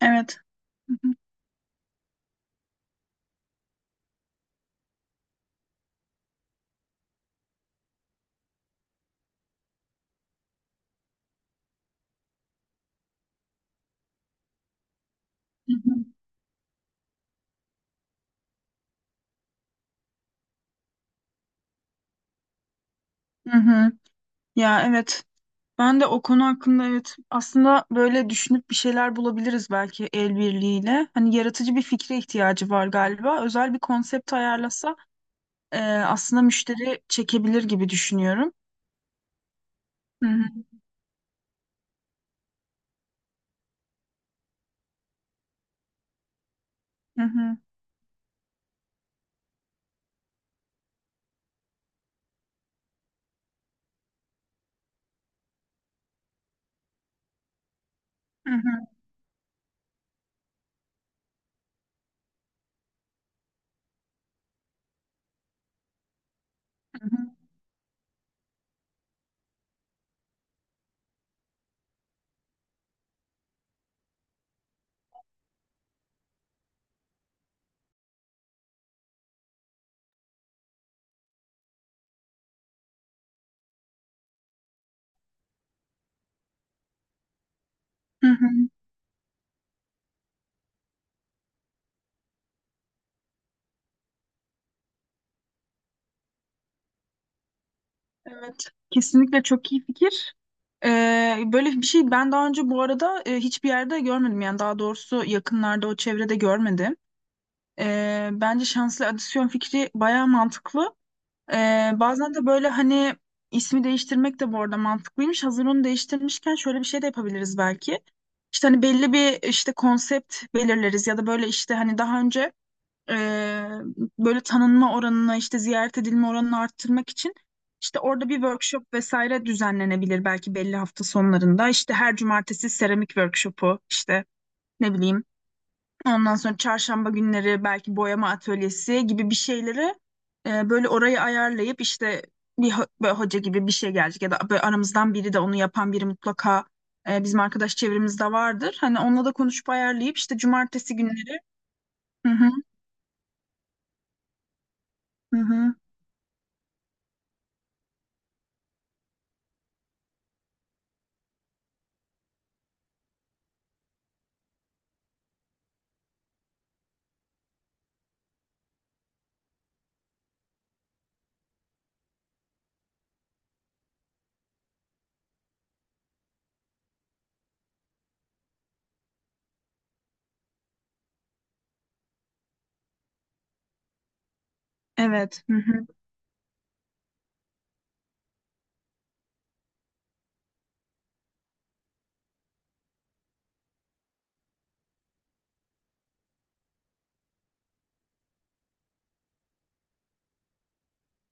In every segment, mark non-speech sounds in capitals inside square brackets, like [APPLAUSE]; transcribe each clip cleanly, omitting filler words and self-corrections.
Evet. Hı hı. Hı hı. Hı hı. Ya evet. Ben de o konu hakkında evet aslında böyle düşünüp bir şeyler bulabiliriz belki el birliğiyle. Hani yaratıcı bir fikre ihtiyacı var galiba. Özel bir konsept ayarlasa aslında müşteri çekebilir gibi düşünüyorum. Hı hı. Hı hı. Hı hı. Hı hı. Hı hı. Evet. Kesinlikle çok iyi fikir. Böyle bir şey ben daha önce bu arada hiçbir yerde görmedim. Yani daha doğrusu yakınlarda o çevrede görmedim. Bence şanslı adisyon fikri bayağı mantıklı. Bazen de böyle hani ismi değiştirmek de bu arada mantıklıymış. Hazır onu değiştirmişken şöyle bir şey de yapabiliriz belki. İşte hani belli bir işte konsept belirleriz ya da böyle işte hani daha önce ee, böyle tanınma oranını işte ziyaret edilme oranını arttırmak için işte orada bir workshop vesaire düzenlenebilir belki belli hafta sonlarında. İşte her cumartesi seramik workshopu işte ne bileyim. Ondan sonra çarşamba günleri belki boyama atölyesi gibi bir şeyleri böyle orayı ayarlayıp işte bir böyle hoca gibi bir şey gelecek ya da böyle aramızdan biri de onu yapan biri mutlaka bizim arkadaş çevremizde vardır. Hani onunla da konuşup ayarlayıp işte cumartesi günleri. Hı hı, hı hı, evet. Hı hı,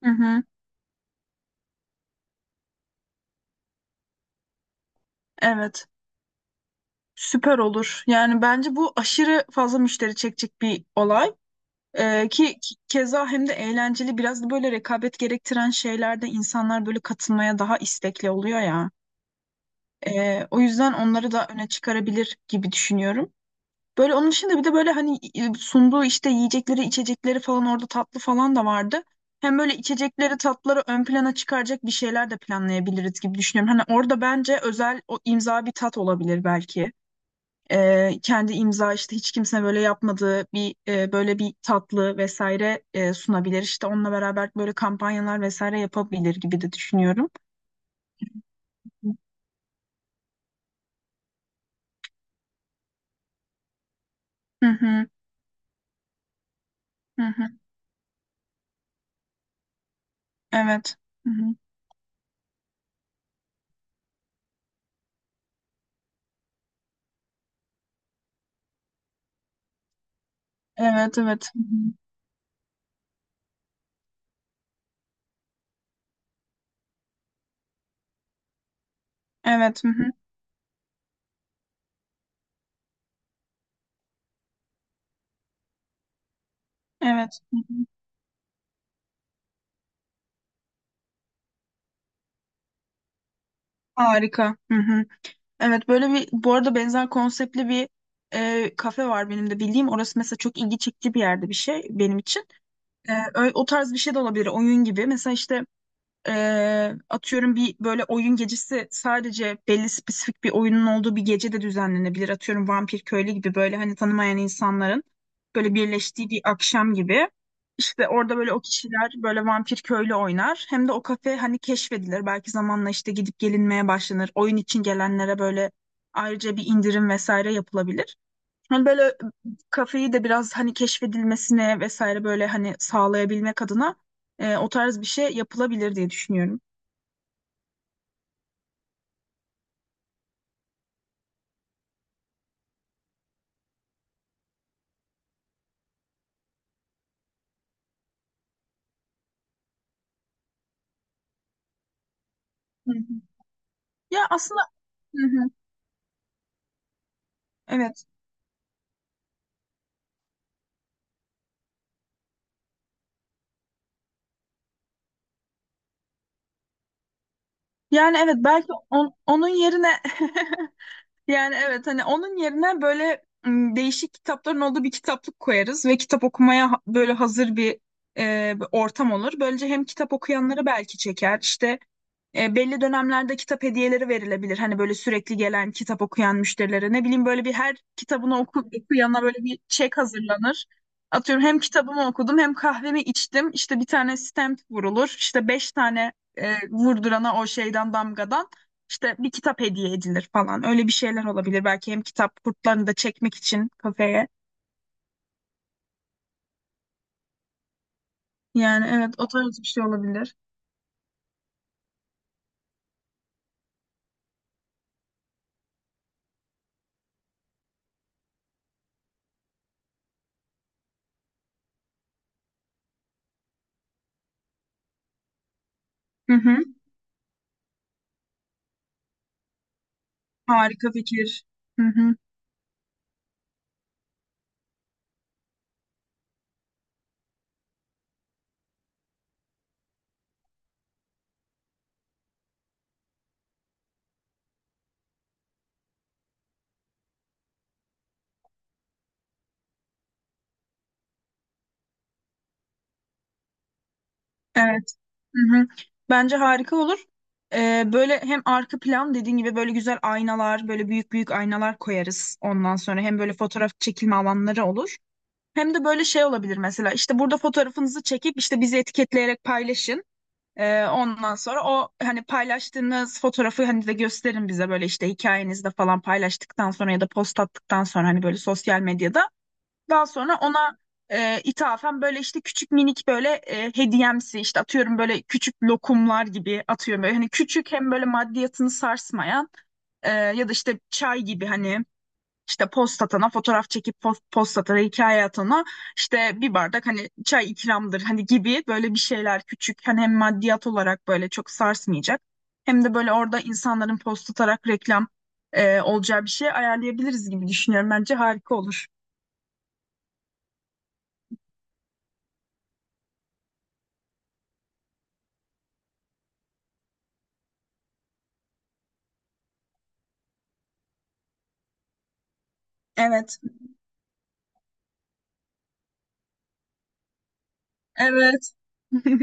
hı hı, evet. Süper olur. Yani bence bu aşırı fazla müşteri çekecek bir olay. Keza hem de eğlenceli biraz da böyle rekabet gerektiren şeylerde insanlar böyle katılmaya daha istekli oluyor ya. O yüzden onları da öne çıkarabilir gibi düşünüyorum. Böyle onun dışında bir de böyle hani sunduğu işte yiyecekleri, içecekleri falan orada tatlı falan da vardı. Hem böyle içecekleri, tatları ön plana çıkaracak bir şeyler de planlayabiliriz gibi düşünüyorum. Hani orada bence özel o imza bir tat olabilir belki. E, kendi imza işte hiç kimse böyle yapmadığı bir böyle bir tatlı vesaire sunabilir. İşte onunla beraber böyle kampanyalar vesaire yapabilir gibi de düşünüyorum. Hı hı, hı hı. Evet. Hı hı. Evet, evet. Hı hı. Evet, hı hı. Evet. Hı hı. Harika. Hı hı. Evet böyle bir bu arada benzer konseptli bir kafe var benim de bildiğim. Orası mesela çok ilgi çekici bir yerde bir şey benim için. O tarz bir şey de olabilir oyun gibi. Mesela işte atıyorum bir böyle oyun gecesi sadece belli spesifik bir oyunun olduğu bir gece de düzenlenebilir. Atıyorum Vampir Köylü gibi böyle hani tanımayan insanların böyle birleştiği bir akşam gibi. İşte orada böyle o kişiler böyle Vampir Köylü oynar. Hem de o kafe hani keşfedilir. Belki zamanla işte gidip gelinmeye başlanır. Oyun için gelenlere böyle ayrıca bir indirim vesaire yapılabilir. Hani böyle kafeyi de biraz hani keşfedilmesine vesaire böyle hani sağlayabilmek adına o tarz bir şey yapılabilir diye düşünüyorum. Hı hı. Ya aslında, hı hı, evet. Yani evet belki onun yerine, [LAUGHS] yani evet hani onun yerine böyle değişik kitapların olduğu bir kitaplık koyarız ve kitap okumaya böyle hazır bir bir ortam olur. Böylece hem kitap okuyanları belki çeker işte. E, belli dönemlerde kitap hediyeleri verilebilir. Hani böyle sürekli gelen kitap okuyan müşterilere ne bileyim böyle bir her kitabını oku, okuyana böyle bir çek hazırlanır. Atıyorum hem kitabımı okudum hem kahvemi içtim. İşte bir tane stamp vurulur. İşte beş tane vurdurana o şeyden damgadan işte bir kitap hediye edilir falan. Öyle bir şeyler olabilir. Belki hem kitap kurtlarını da çekmek için kafeye. Yani evet o tarz bir şey olabilir. Hı hı. Harika fikir. Hı hı. Evet. Hı hı. Bence harika olur. Böyle hem arka plan dediğin gibi böyle güzel aynalar, böyle büyük büyük aynalar koyarız ondan sonra. Hem böyle fotoğraf çekilme alanları olur. Hem de böyle şey olabilir mesela işte burada fotoğrafınızı çekip işte bizi etiketleyerek paylaşın. Ondan sonra o hani paylaştığınız fotoğrafı hani de gösterin bize böyle işte hikayenizde falan paylaştıktan sonra ya da post attıktan sonra hani böyle sosyal medyada. Daha sonra ona ithafen böyle işte küçük minik böyle hediyemsi işte atıyorum böyle küçük lokumlar gibi atıyorum. Böyle hani küçük hem böyle maddiyatını sarsmayan ya da işte çay gibi hani işte post atana fotoğraf çekip post atana hikaye atana işte bir bardak hani çay ikramdır hani gibi böyle bir şeyler küçük hani hem maddiyat olarak böyle çok sarsmayacak hem de böyle orada insanların post atarak reklam olacağı bir şey ayarlayabiliriz gibi düşünüyorum bence harika olur. Evet. Evet. [LAUGHS]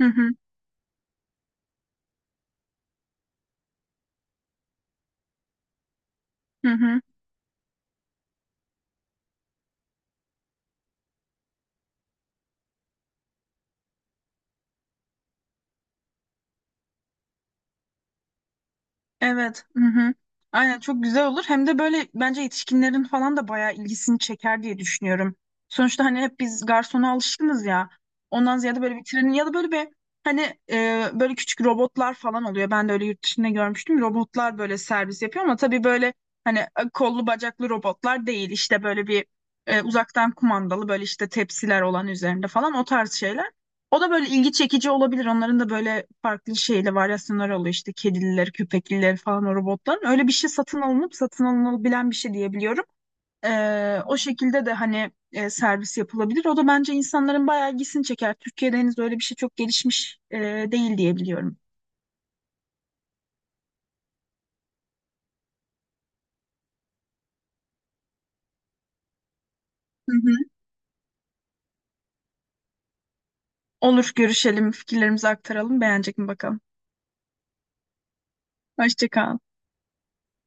Hı hı, hı hı. Evet. Hı hı. Aynen çok güzel olur. Hem de böyle bence yetişkinlerin falan da bayağı ilgisini çeker diye düşünüyorum. Sonuçta hani hep biz garsona alışkınız ya. Ondan ziyade böyle bir trenin ya da böyle bir hani böyle küçük robotlar falan oluyor. Ben de öyle yurt dışında görmüştüm. Robotlar böyle servis yapıyor ama tabii böyle hani kollu bacaklı robotlar değil. İşte böyle bir uzaktan kumandalı böyle işte tepsiler olan üzerinde falan o tarz şeyler. O da böyle ilgi çekici olabilir. Onların da böyle farklı şeyle varyasyonları oluyor. İşte kedililer, köpekliler falan o robotların. Öyle bir şey satın alınıp satın alınabilen bir şey diyebiliyorum. O şekilde de hani servis yapılabilir. O da bence insanların bayağı ilgisini çeker. Türkiye'de henüz öyle bir şey çok gelişmiş değil diyebiliyorum. Hı hı. Olur görüşelim, fikirlerimizi aktaralım. Beğenecek mi bakalım. Hoşça kal.